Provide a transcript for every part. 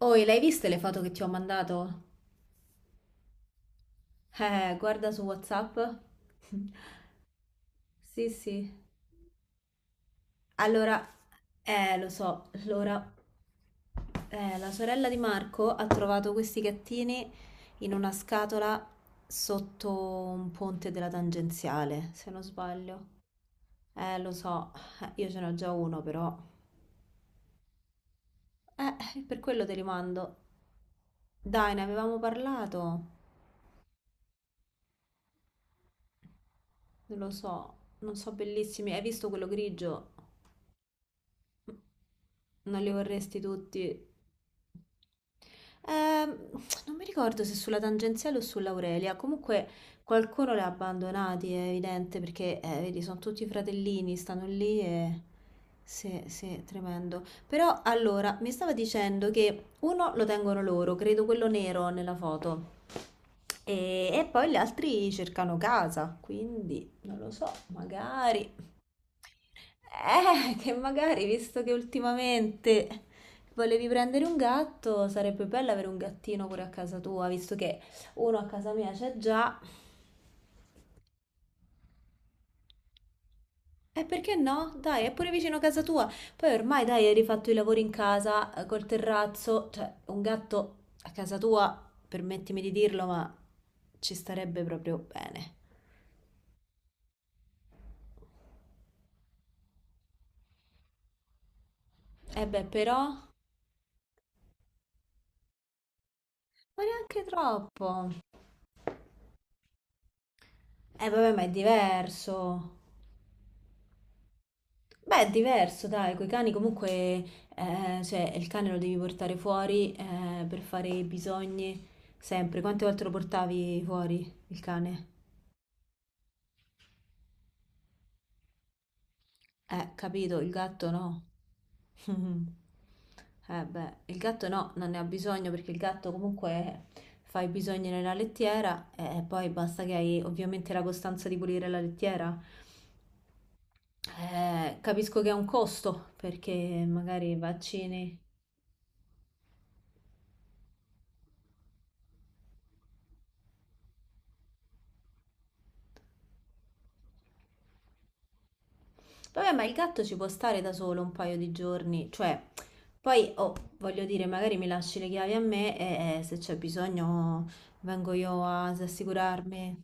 Oh, e l'hai viste le foto che ti ho mandato? Guarda su WhatsApp. Sì, sì. Allora, lo so, allora, la sorella di Marco ha trovato questi gattini in una scatola sotto un ponte della tangenziale, se non sbaglio. Lo so, io ce n'ho già uno però. Per quello te li mando. Dai, ne avevamo parlato. Non lo so, non so, bellissimi. Hai visto quello grigio? Non li vorresti tutti? Ehm, Non mi ricordo se sulla tangenziale o sull'Aurelia. Comunque qualcuno li ha abbandonati, è evidente, perché vedi, sono tutti fratellini, stanno lì e... Sì, sì, tremendo. Però allora, mi stava dicendo che uno lo tengono loro, credo quello nero nella foto, e, poi gli altri cercano casa, quindi non lo so, magari... che magari, visto che ultimamente volevi prendere un gatto, sarebbe bello avere un gattino pure a casa tua, visto che uno a casa mia c'è già. E perché no? Dai, è pure vicino a casa tua. Poi ormai, dai, hai rifatto i lavori in casa, col terrazzo, cioè un gatto a casa tua, permettimi di dirlo, ma ci starebbe proprio bene. Eh beh, però, ma neanche troppo. Eh vabbè, ma è diverso. Beh, è diverso, dai, coi cani comunque, cioè, il cane lo devi portare fuori, per fare i bisogni, sempre. Quante volte lo portavi fuori, il cane? Capito, il gatto no. Eh beh, il gatto no, non ne ha bisogno perché il gatto comunque fa i bisogni nella lettiera e poi basta che hai ovviamente la costanza di pulire la lettiera. Capisco che è un costo perché magari vaccini. Vabbè, ma il gatto ci può stare da solo un paio di giorni, cioè, poi, oh, voglio dire, magari mi lasci le chiavi a me e se c'è bisogno vengo io a assicurarmi.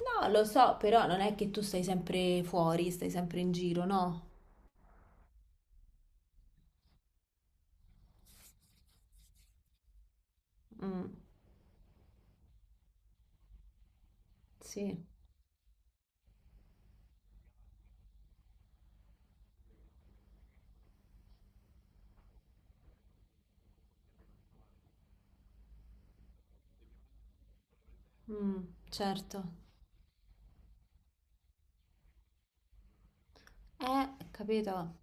No, lo so, però non è che tu stai sempre fuori, stai sempre in giro, no? Mm, sì, mm, certo. Capito.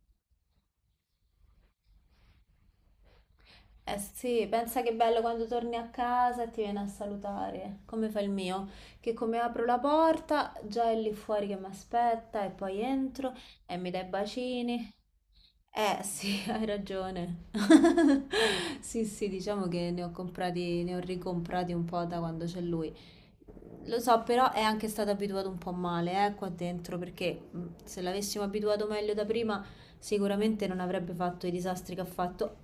Eh sì, pensa che bello quando torni a casa e ti viene a salutare, come fa il mio, che come apro la porta già è lì fuori che mi aspetta e poi entro e mi dai bacini. Eh sì, hai ragione. Sì, sì, diciamo che ne ho comprati, ne ho ricomprati un po' da quando c'è lui. Lo so, però è anche stato abituato un po' male, qua dentro, perché se l'avessimo abituato meglio da prima, sicuramente non avrebbe fatto i disastri che ha fatto.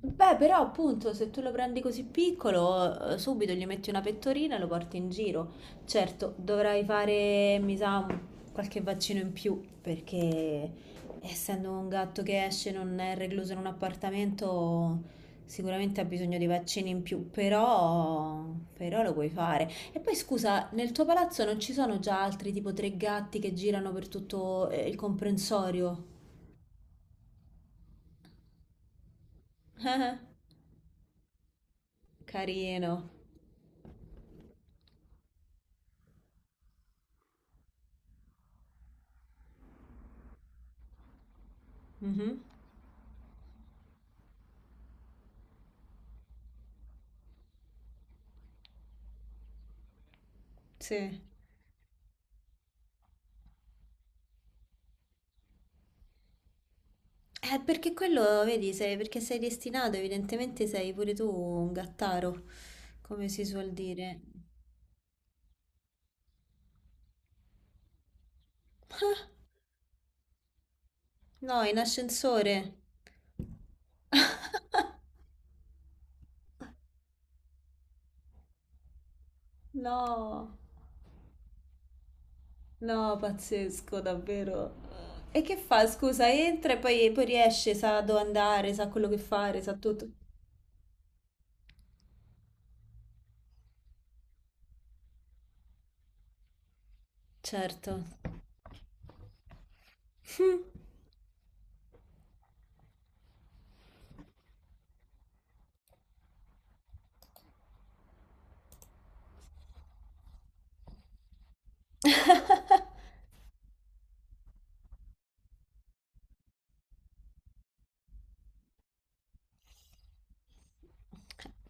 Beh, però appunto se tu lo prendi così piccolo, subito gli metti una pettorina e lo porti in giro. Certo, dovrai fare, mi sa, qualche vaccino in più, perché essendo un gatto che esce, non è recluso in un appartamento, sicuramente ha bisogno di vaccini in più, però, però lo puoi fare. E poi scusa, nel tuo palazzo non ci sono già altri tipo tre gatti che girano per tutto il comprensorio? Carino. Mhm, sì. Perché quello, vedi, perché sei destinato, evidentemente sei pure tu un gattaro, come si suol dire. No, in ascensore. No, no, pazzesco, davvero. E che fa? Scusa, entra e poi, poi riesce, sa dove andare, sa quello che fare, sa tutto. Certo. Hm.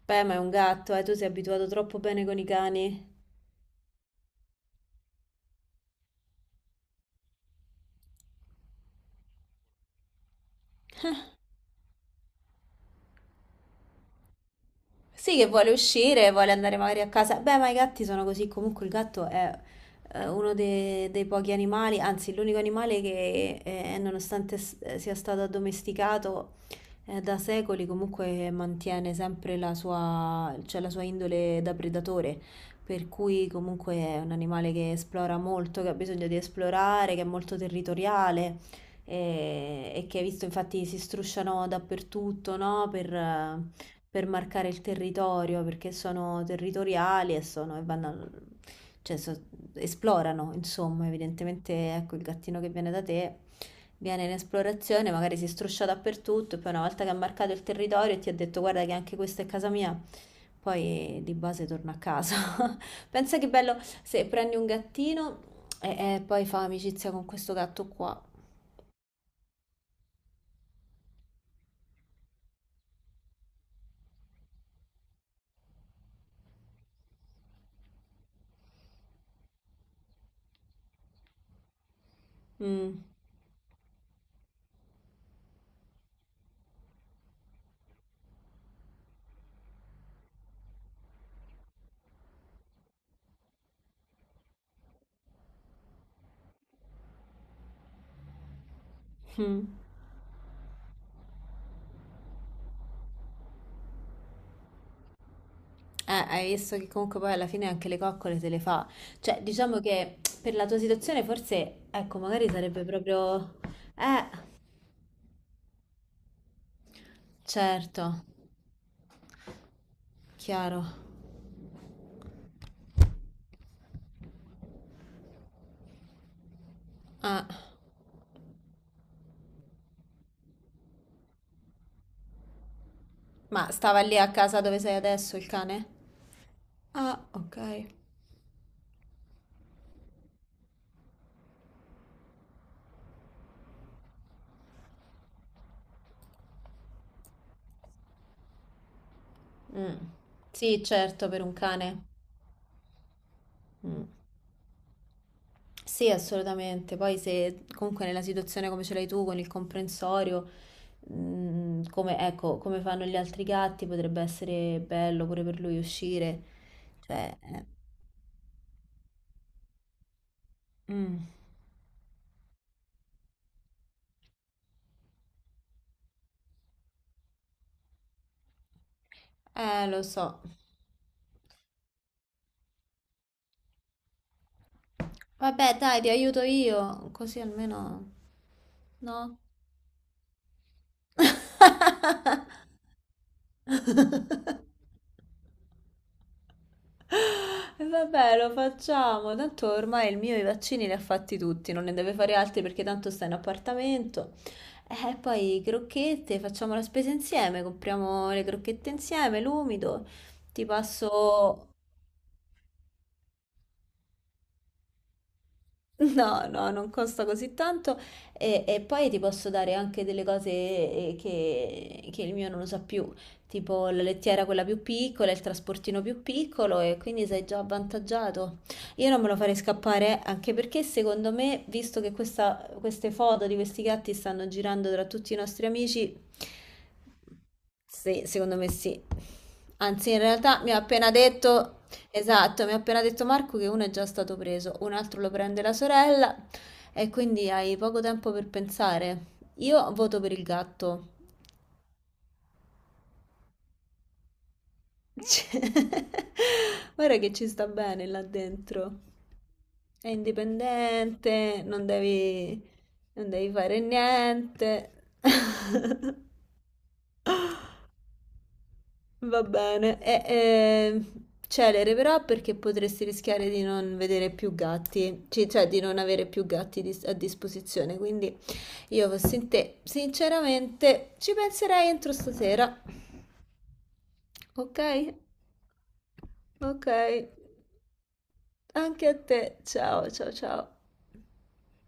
Beh, ma è un gatto, tu sei abituato troppo bene con i cani. Sì, che vuole uscire, vuole andare magari a casa. Beh, ma i gatti sono così. Comunque il gatto è uno dei pochi animali, anzi, l'unico animale che, nonostante sia stato addomesticato da secoli, comunque mantiene sempre la sua, cioè la sua indole da predatore. Per cui comunque è un animale che esplora molto, che ha bisogno di esplorare, che è molto territoriale e che hai visto infatti si strusciano dappertutto, no? Per marcare il territorio, perché sono territoriali e sono, e vanno, cioè, esplorano, insomma, evidentemente, ecco, il gattino che viene da te viene in esplorazione, magari si struscia dappertutto e poi una volta che ha marcato il territorio e ti ha detto guarda che anche questa è casa mia, poi di base torna a casa. Pensa che bello se prendi un gattino e poi fa amicizia con questo gatto qua. Mm, mm. Hai visto che comunque poi alla fine anche le coccole se le fa. Cioè, diciamo che per la tua situazione forse, ecco, magari sarebbe proprio... Eh, certo, chiaro. Ah, ma stava lì a casa dove sei adesso il cane? Ah, ok. Mm. Sì, certo, per un cane. Mm. Sì, assolutamente. Poi se comunque nella situazione come ce l'hai tu con il comprensorio, mm, come, ecco, come fanno gli altri gatti, potrebbe essere bello pure per lui uscire. Cioè, mm. Lo so. Vabbè, dai, ti aiuto io, così almeno... No? E vabbè, lo facciamo. Tanto ormai il mio i vaccini li ha fatti tutti, non ne deve fare altri perché tanto sta in appartamento. E poi crocchette, facciamo la spesa insieme, compriamo le crocchette insieme, l'umido. Ti passo. No, no, non costa così tanto e poi ti posso dare anche delle cose che, il mio non usa più, tipo la lettiera quella più piccola, il trasportino più piccolo e quindi sei già avvantaggiato. Io non me lo farei scappare anche perché secondo me, visto che queste foto di questi gatti stanno girando tra tutti i nostri amici, sì, secondo me sì. Anzi, in realtà mi ha appena detto... Esatto, mi ha appena detto Marco che uno è già stato preso, un altro lo prende la sorella e quindi hai poco tempo per pensare. Io voto per il gatto. Cioè, guarda che ci sta bene là dentro. È indipendente, non devi, non devi fare niente. Va bene. E, celere però perché potresti rischiare di non vedere più gatti, cioè di non avere più gatti a disposizione, quindi... Io fossi in te, sinceramente, ci penserei entro stasera. Ok? Ok. Anche a te. Ciao, ciao, ciao.